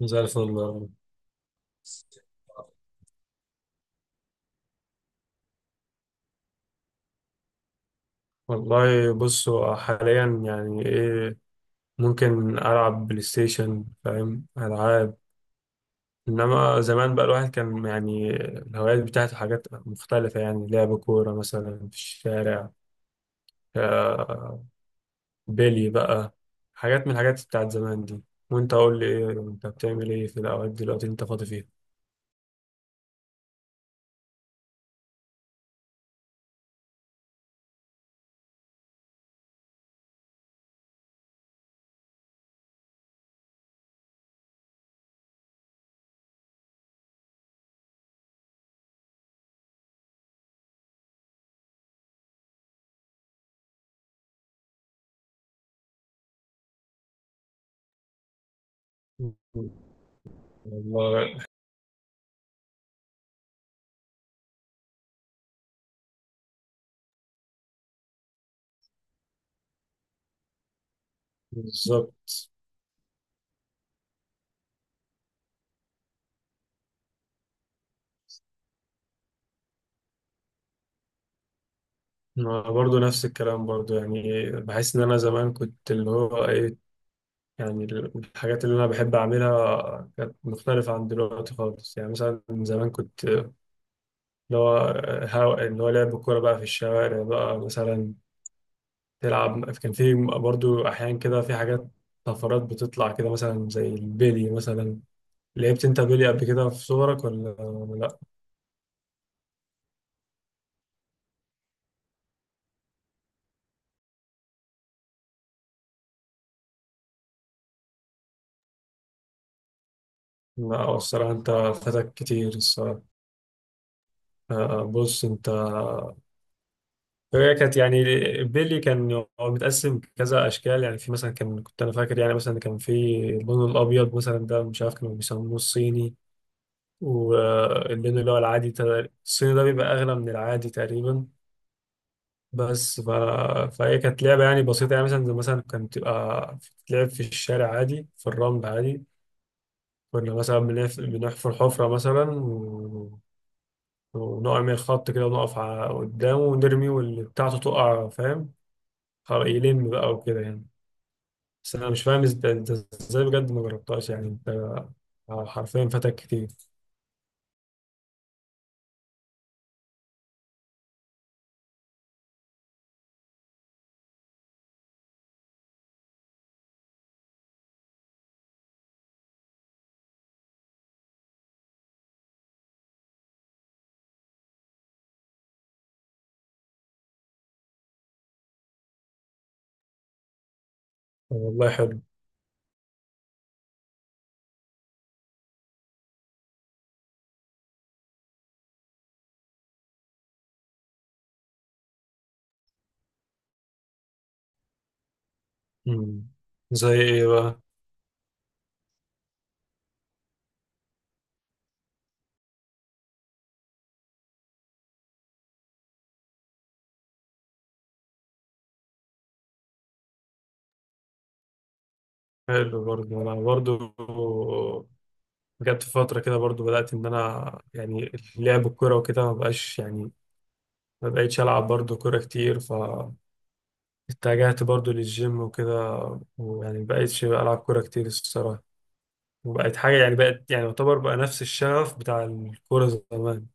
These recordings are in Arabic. زي الفل والله. والله، بص، هو حاليا يعني ايه؟ ممكن العب بلاي ستيشن، فاهم، العاب. انما زمان بقى الواحد كان يعني الهوايات بتاعته حاجات مختلفه، يعني لعب كوره مثلا في الشارع، آه، بيلي بقى، حاجات من الحاجات بتاعت زمان دي. وانت قول لي ايه، انت بتعمل ايه في الاوقات دلوقتي انت فاضي فيها؟ والله. بالظبط. ما برضو نفس الكلام برضو، يعني بحس ان انا زمان كنت اللي هو ايه، يعني الحاجات اللي انا بحب اعملها كانت مختلفة عن دلوقتي خالص. يعني مثلا زمان كنت اللي هو اللي هو لعب الكورة بقى في الشوارع بقى مثلا تلعب. كان في برضو احيان كده في حاجات طفرات بتطلع كده مثلا، زي البيلي مثلا. لعبت انت بيلي قبل كده في صغرك ولا لا؟ لا الصراحة انت فاتك كتير الصراحة. بص انت، هي كانت يعني بيلي كان هو متقسم كذا اشكال. يعني في مثلا كان كنت انا فاكر، يعني مثلا كان في اللون الابيض مثلا. ده مش عارف كانوا بيسموه الصيني، واللون اللي هو العادي الصيني ده بيبقى اغلى من العادي تقريبا. بس ف... فهي كانت لعبه يعني بسيطه، يعني مثلا زي مثلا كانت بتبقى بتتلعب في الشارع عادي، في الرمل عادي. كنا مثلا بنحفر حفره مثلا ونعمل خط كده ونقف على قدامه ونرمي، واللي بتاعته تقع، فاهم. خلاص، يلم بقى وكده يعني. بس انا مش فاهم انت ازاي بجد ما جربتهاش يعني، انت حرفيا فاتك كتير. والله حلو. مم. زي ايه بقى؟ حلو برضه. انا برضه جت في فتره كده برضه بدات ان انا يعني لعب الكوره وكده ما بقاش يعني. ما بقيتش العب برضه كوره كتير، فاتجهت برضه للجيم وكده. ويعني ما بقيتش العب كوره كتير الصراحه. وبقت حاجه يعني، بقت يعني يعتبر بقى نفس الشغف بتاع الكوره زمان،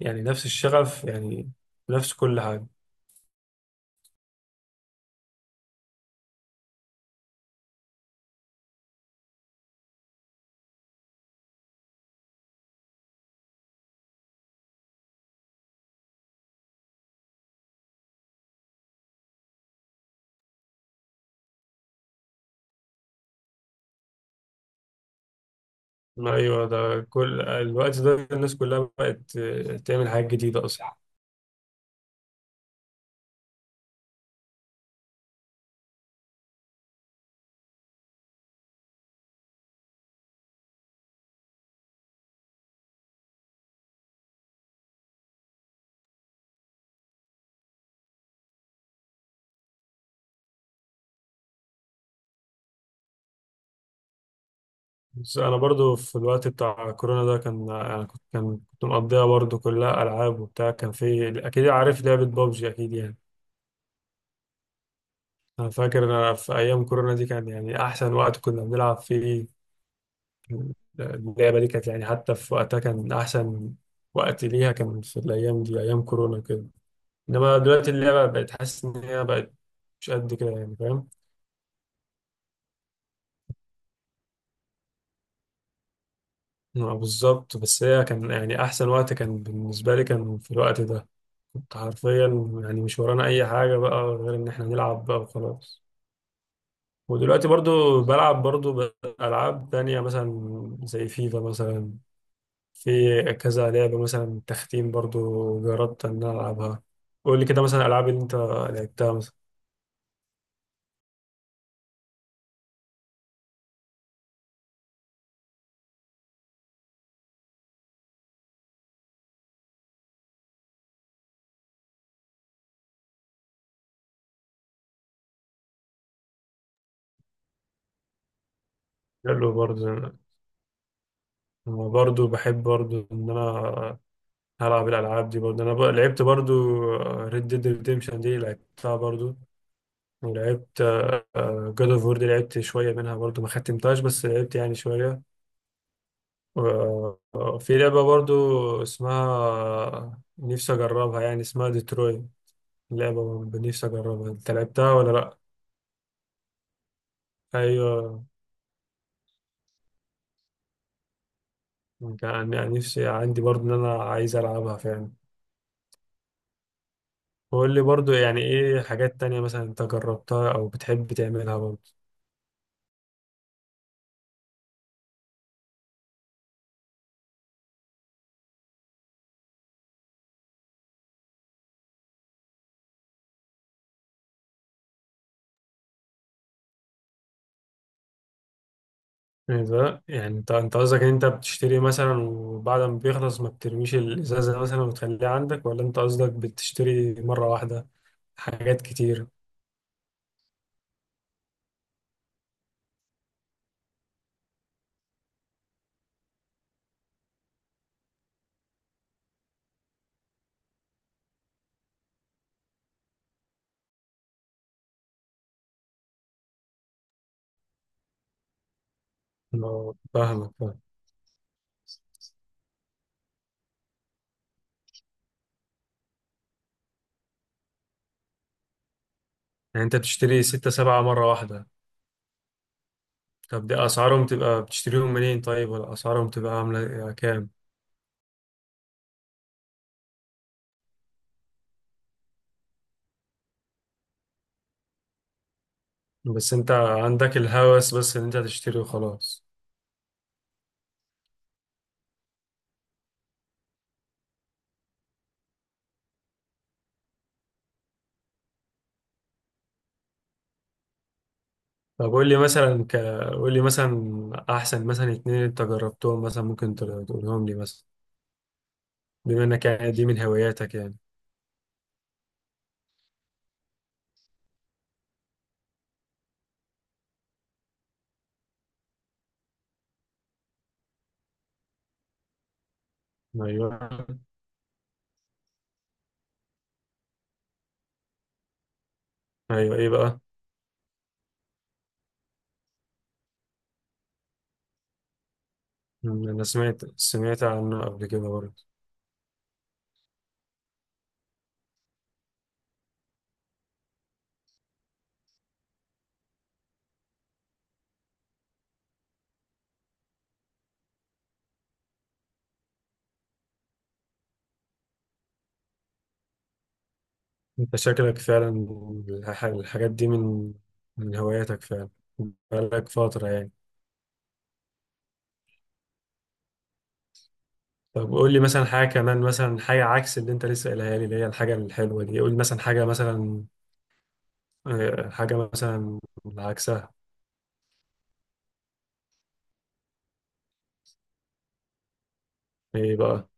يعني نفس الشغف يعني، نفس كل حاجه. ايوه، ده كل الوقت ده الناس كلها بقت تعمل حاجات جديده اصلا. بس انا برضو في الوقت بتاع كورونا ده، كان انا كنت كان كنت مقضيها برضو كلها العاب وبتاع. كان في، اكيد عارف لعبه بابجي اكيد يعني. انا فاكر انا في ايام كورونا دي كان يعني احسن وقت كنا بنلعب فيه. اللعبه دي كانت يعني حتى في وقتها كان احسن وقت ليها، كان في الايام دي ايام كورونا كده. انما دلوقتي اللعبه بقت حاسس ان هي بقت مش قد كده يعني، فاهم؟ آه، بالظبط. بس هي كان يعني احسن وقت كان بالنسبه لي كان في الوقت ده. كنت حرفيا يعني مش ورانا اي حاجه بقى غير ان احنا نلعب بقى وخلاص. ودلوقتي برضو بلعب برضو العاب تانية مثلا، زي فيفا مثلا. في كذا لعبه مثلا تختيم برضو جربت ان أنا العبها. قول لي كده مثلا الالعاب اللي انت لعبتها مثلا. حلو. برضو أنا برضو بحب برضو ان انا هلعب الالعاب دي برضو. انا لعبت برضو ريد ديد ريديمشن دي لعبتها برضو. لعبت جود اوف وور دي، لعبت شوية منها برضو، ما ختمتهاش بس لعبت يعني شوية و- آه، في لعبة برضو اسمها نفسي أجربها، يعني اسمها ديتروي، لعبة برضو نفسي أجربها، أنت لعبتها ولا لأ؟ أيوة. كان يعني نفسي عندي برضو إن أنا عايز ألعبها فعلا. وقول لي برضو يعني إيه حاجات تانية مثلا أنت جربتها أو بتحب تعملها برضو؟ يعني ده يعني انت قصدك ان انت بتشتري مثلا، وبعد ما بيخلص ما بترميش الازازه مثلا وتخليها عندك، ولا انت قصدك بتشتري مره واحده حاجات كتير؟ اه، فاهمك فاهم. يعني انت بتشتري ستة سبعة مره واحده؟ طب دي اسعارهم تبقى بتشتريهم منين طيب، ولا اسعارهم تبقى عامله كام؟ بس انت عندك الهوس بس ان انت تشتري وخلاص. طب قول لي مثلا قول لي مثلا احسن مثلا اتنين انت جربتهم مثلا، ممكن تقولهم لي مثلا، بما انك يعني دي من هواياتك يعني. ايوه، ايوه. ايه بقى؟ مم، انا سمعت عنه قبل كده برضه. انت شكلك فعلا الحاجات دي من هواياتك فعلا بقالك فترة يعني. طب قول لي مثلا حاجة كمان مثلا، حاجة عكس اللي انت لسه قايلها لي اللي هي الحاجة الحلوة دي. قول لي مثلا حاجة مثلا آه، حاجة مثلا عكسها. ايه بقى؟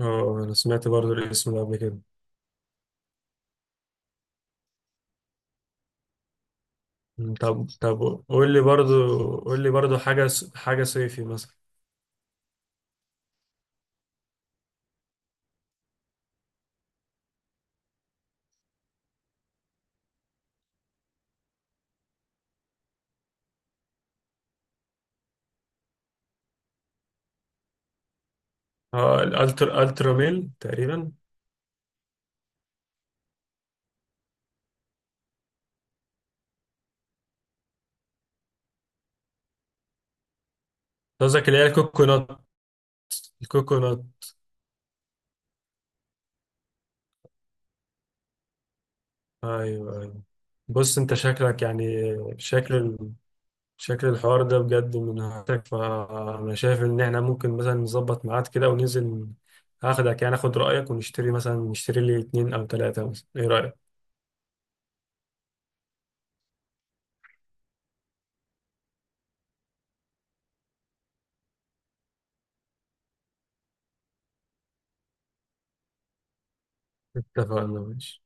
اه انا سمعت برضه الاسم ده قبل كده. مم. طب قول لي برضه، قول لي برضه حاجة حاجة صيفي مثلا. اه، الترا ميل تقريبا. قصدك اللي هي الكوكونات؟ الكوكونات. ايوه، ايوه. بص انت شكلك يعني شكل، شكل الحوار ده بجد من هاتك. فانا شايف ان احنا ممكن مثلا نظبط ميعاد كده وننزل. هاخدك يعني اخد رايك، ونشتري مثلا، نشتري لي اتنين او تلاته مثلا. ايه رايك؟ اتفقنا، ماشي.